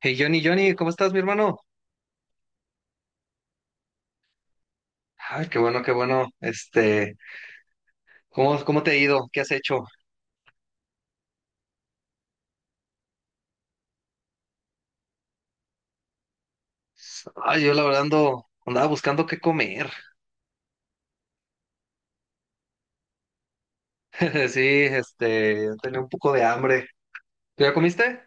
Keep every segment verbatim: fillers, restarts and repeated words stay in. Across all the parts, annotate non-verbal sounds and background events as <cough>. Hey Johnny, Johnny, ¿cómo estás, mi hermano? Ay, qué bueno, qué bueno. Este, ¿cómo, cómo te ha ido? ¿Qué has hecho? Ay, yo la verdad ando, andaba buscando qué comer. <laughs> Sí, este, tenía un poco de hambre. ¿Tú ya comiste?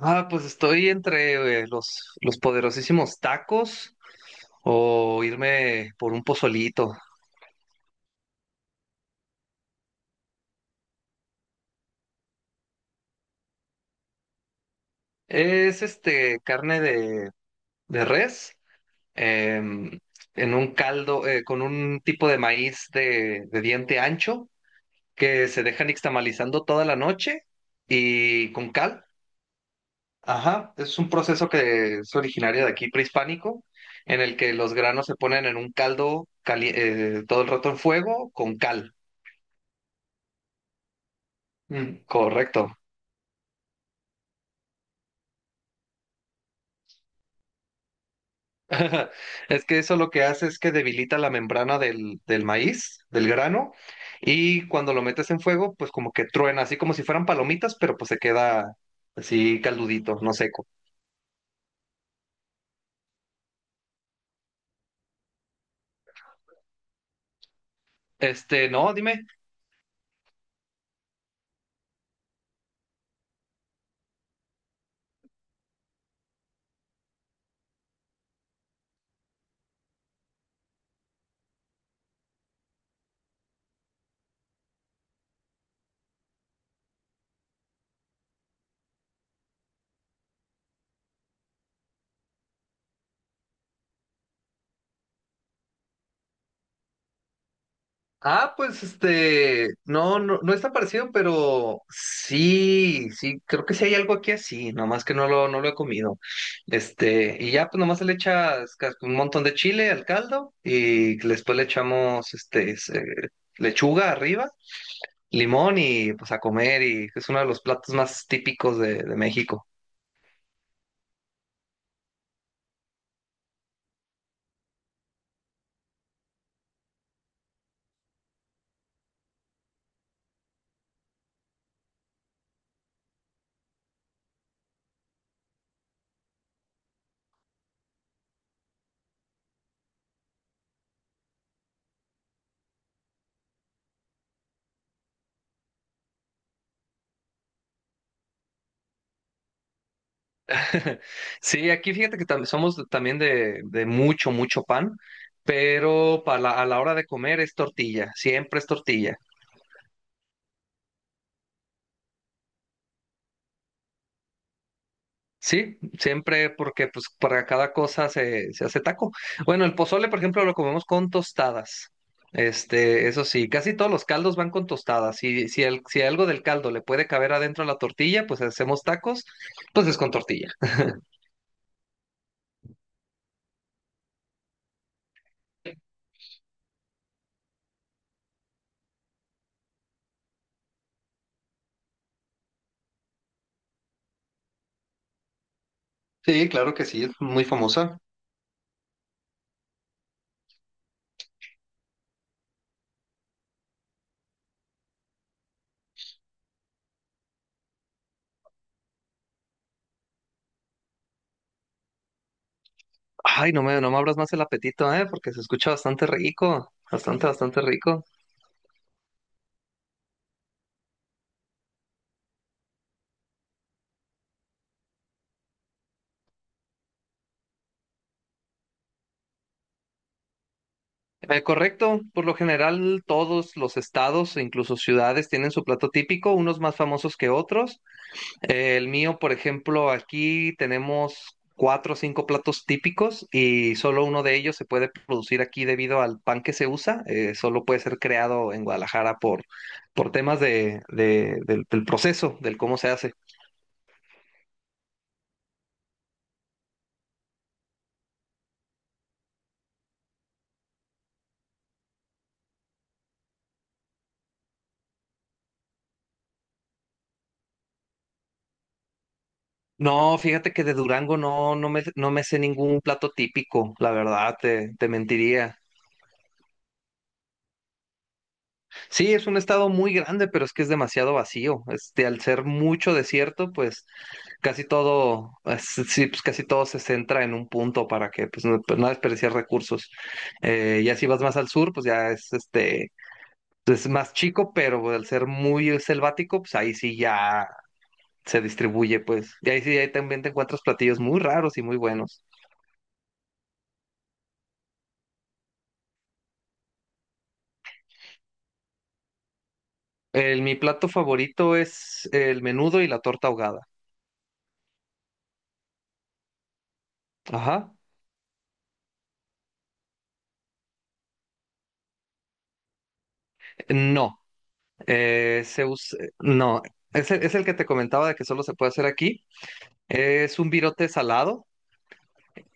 Ah, pues estoy entre eh, los, los poderosísimos tacos o irme por un pozolito. Es este carne de, de res em, en un caldo eh, con un tipo de maíz de, de diente ancho que se dejan nixtamalizando toda la noche y con cal. Ajá, es un proceso que es originario de aquí, prehispánico, en el que los granos se ponen en un caldo cali- eh, todo el rato en fuego con cal. Mm, correcto. <laughs> Es que eso lo que hace es que debilita la membrana del, del maíz, del grano, y cuando lo metes en fuego, pues como que truena, así como si fueran palomitas, pero pues se queda así caldudito, no seco. Este, no, dime. Ah, pues este, no, no, no es tan parecido, pero sí, sí, creo que sí hay algo aquí así, nomás que no lo, no lo he comido. Este, y ya, pues nomás se le echas cas- un montón de chile al caldo y después le echamos, este, se- lechuga arriba, limón y pues a comer y es uno de los platos más típicos de, de México. <laughs> Sí, aquí fíjate que tam- somos también de, de mucho, mucho pan, pero para la- a la hora de comer es tortilla, siempre es tortilla. Sí, siempre porque pues para cada cosa se, se hace taco. Bueno, el pozole, por ejemplo, lo comemos con tostadas. Este, eso sí, casi todos los caldos van con tostadas. Si, si, el- si algo del caldo le puede caber adentro a la tortilla, pues hacemos tacos, pues es con tortilla. Sí, claro que sí, es muy famosa. Ay, no me, no me abras más el apetito, ¿eh? Porque se escucha bastante rico, bastante, bastante rico. Eh, correcto, por lo general todos los estados, e incluso ciudades, tienen su plato típico, unos más famosos que otros. Eh, el mío, por ejemplo, aquí tenemos cuatro o cinco platos típicos y solo uno de ellos se puede producir aquí debido al pan que se usa. Eh, solo puede ser creado en Guadalajara por, por temas de, de- del del proceso, del cómo se hace. No, fíjate que de Durango no, no me, no me sé ningún plato típico, la verdad, te, te mentiría. Sí, es un estado muy grande, pero es que es demasiado vacío. Este, al ser mucho desierto, pues casi todo, es- sí, pues casi todo se centra en un punto para que pues no, pues, no desperdiciar recursos. Eh, ya si vas más al sur, pues ya es este, pues, es más chico, pero al ser muy selvático, pues ahí sí ya se distribuye, pues. Y ahí sí, ahí también te encuentras platillos muy raros y muy buenos. El, mi plato favorito es el menudo y la torta ahogada. Ajá. No, eh, se us- no, es el, es el que te comentaba de que solo se puede hacer aquí. Es un virote salado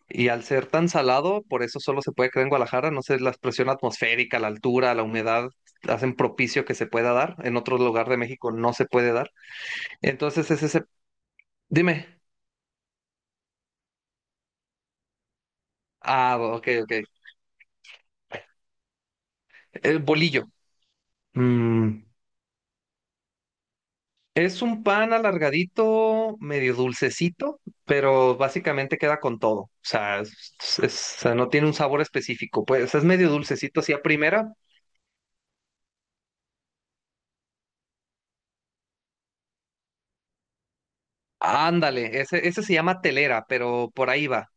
y al ser tan salado, por eso solo se puede crear en Guadalajara. No sé, la presión atmosférica, la altura, la humedad hacen propicio que se pueda dar. En otro lugar de México no se puede dar. Entonces es ese, dime. Ah, ok, ok. El bolillo. Mm. Es un pan alargadito, medio dulcecito, pero básicamente queda con todo. O sea, es- es- o sea, no tiene un sabor específico. Pues es medio dulcecito así a primera. Ándale, ese, ese se llama telera, pero por ahí va.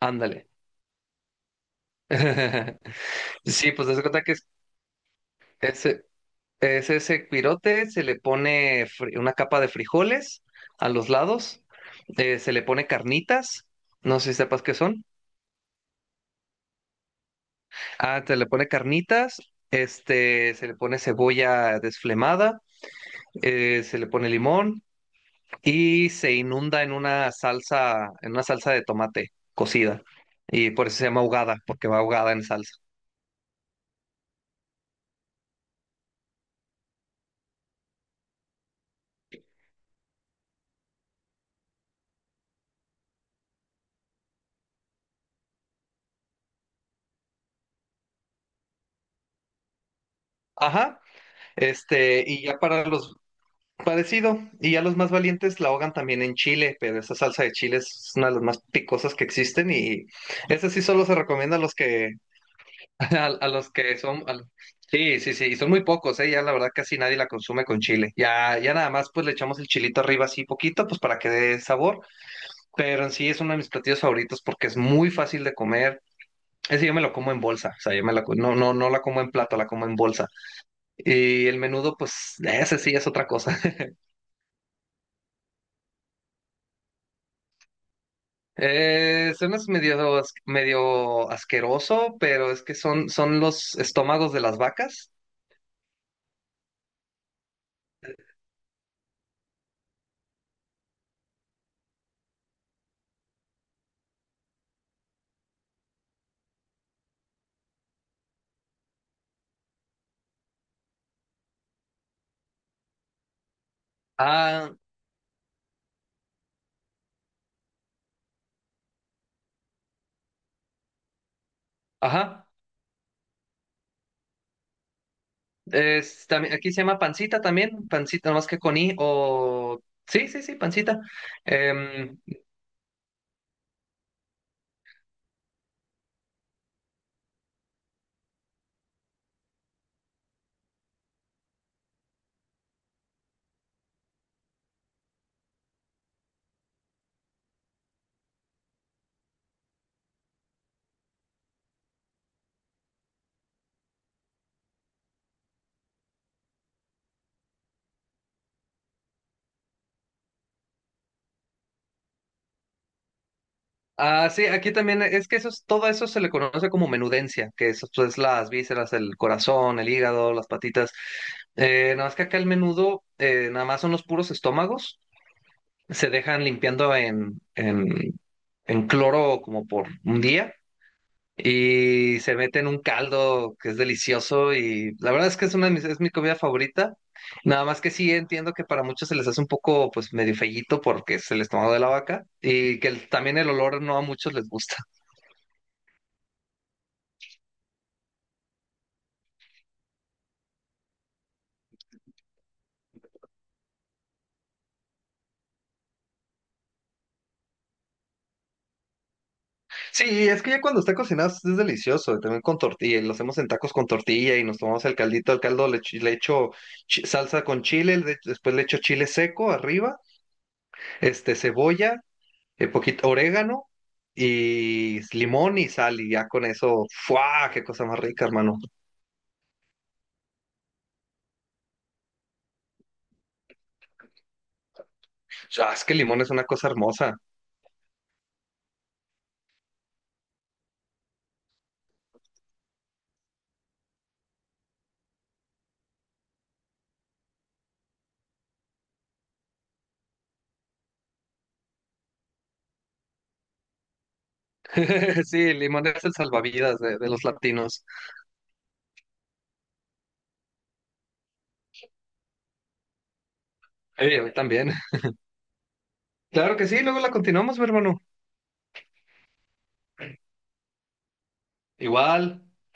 Ándale. <laughs> Sí, pues das cuenta que es ese, es ese pirote, se le pone fri- una capa de frijoles a los lados, eh, se le pone carnitas, no sé si sepas qué son. Ah, se le pone carnitas, este, se le pone cebolla desflemada, eh, se le pone limón y se inunda en una salsa, en una salsa de tomate cocida. Y por eso se llama ahogada, porque va ahogada en salsa. Ajá, este, y ya para los parecido, y ya los más valientes la ahogan también en chile, pero esa salsa de chile es una de las más picosas que existen y esa sí solo se recomienda a los que <laughs> A, a los que son, a sí, sí, sí, y son muy pocos, ¿eh? Ya la verdad casi nadie la consume con chile. Ya, ya nada más pues le echamos el chilito arriba así poquito, pues para que dé sabor, pero en sí es uno de mis platillos favoritos porque es muy fácil de comer. Ese yo me lo como en bolsa, o sea, yo me la, co- no, no, no la como en plato, la como en bolsa. Y el menudo, pues, ese sí es otra cosa. <laughs> Eh, suena medio, as- medio asqueroso, pero es que son, son los estómagos de las vacas. Ah, ajá. Es, también, aquí se llama pancita también, pancita, más que con i o... Sí, sí, sí, pancita. Em, ah, sí, aquí también es que eso es- todo eso se le conoce como menudencia, que eso es pues, las vísceras, el corazón, el hígado, las patitas. Eh, nada más que acá el menudo, eh, nada más son los puros estómagos, se dejan limpiando en, en, en cloro como por un día y se mete en un caldo que es delicioso y la verdad es que es una de mis, es mi comida favorita. Nada más que sí entiendo que para muchos se les hace un poco pues medio fellito porque es el estómago de la vaca y que el- también el olor no a muchos les gusta. <laughs> Sí, es que ya cuando está cocinado es delicioso, y también con tortilla, y lo hacemos en tacos con tortilla y nos tomamos el caldito, el caldo le, echo le echo chi- salsa con chile, le- después le echo chile seco arriba, este cebolla eh, poquito orégano y limón y sal, y ya con eso, ¡fua! ¡Qué cosa más rica, hermano! Ya, es que el limón es una cosa hermosa. <laughs> Sí, el limón es el salvavidas de, de los latinos. Eh, a mí también. Claro que sí, luego la continuamos, mi hermano. Igual.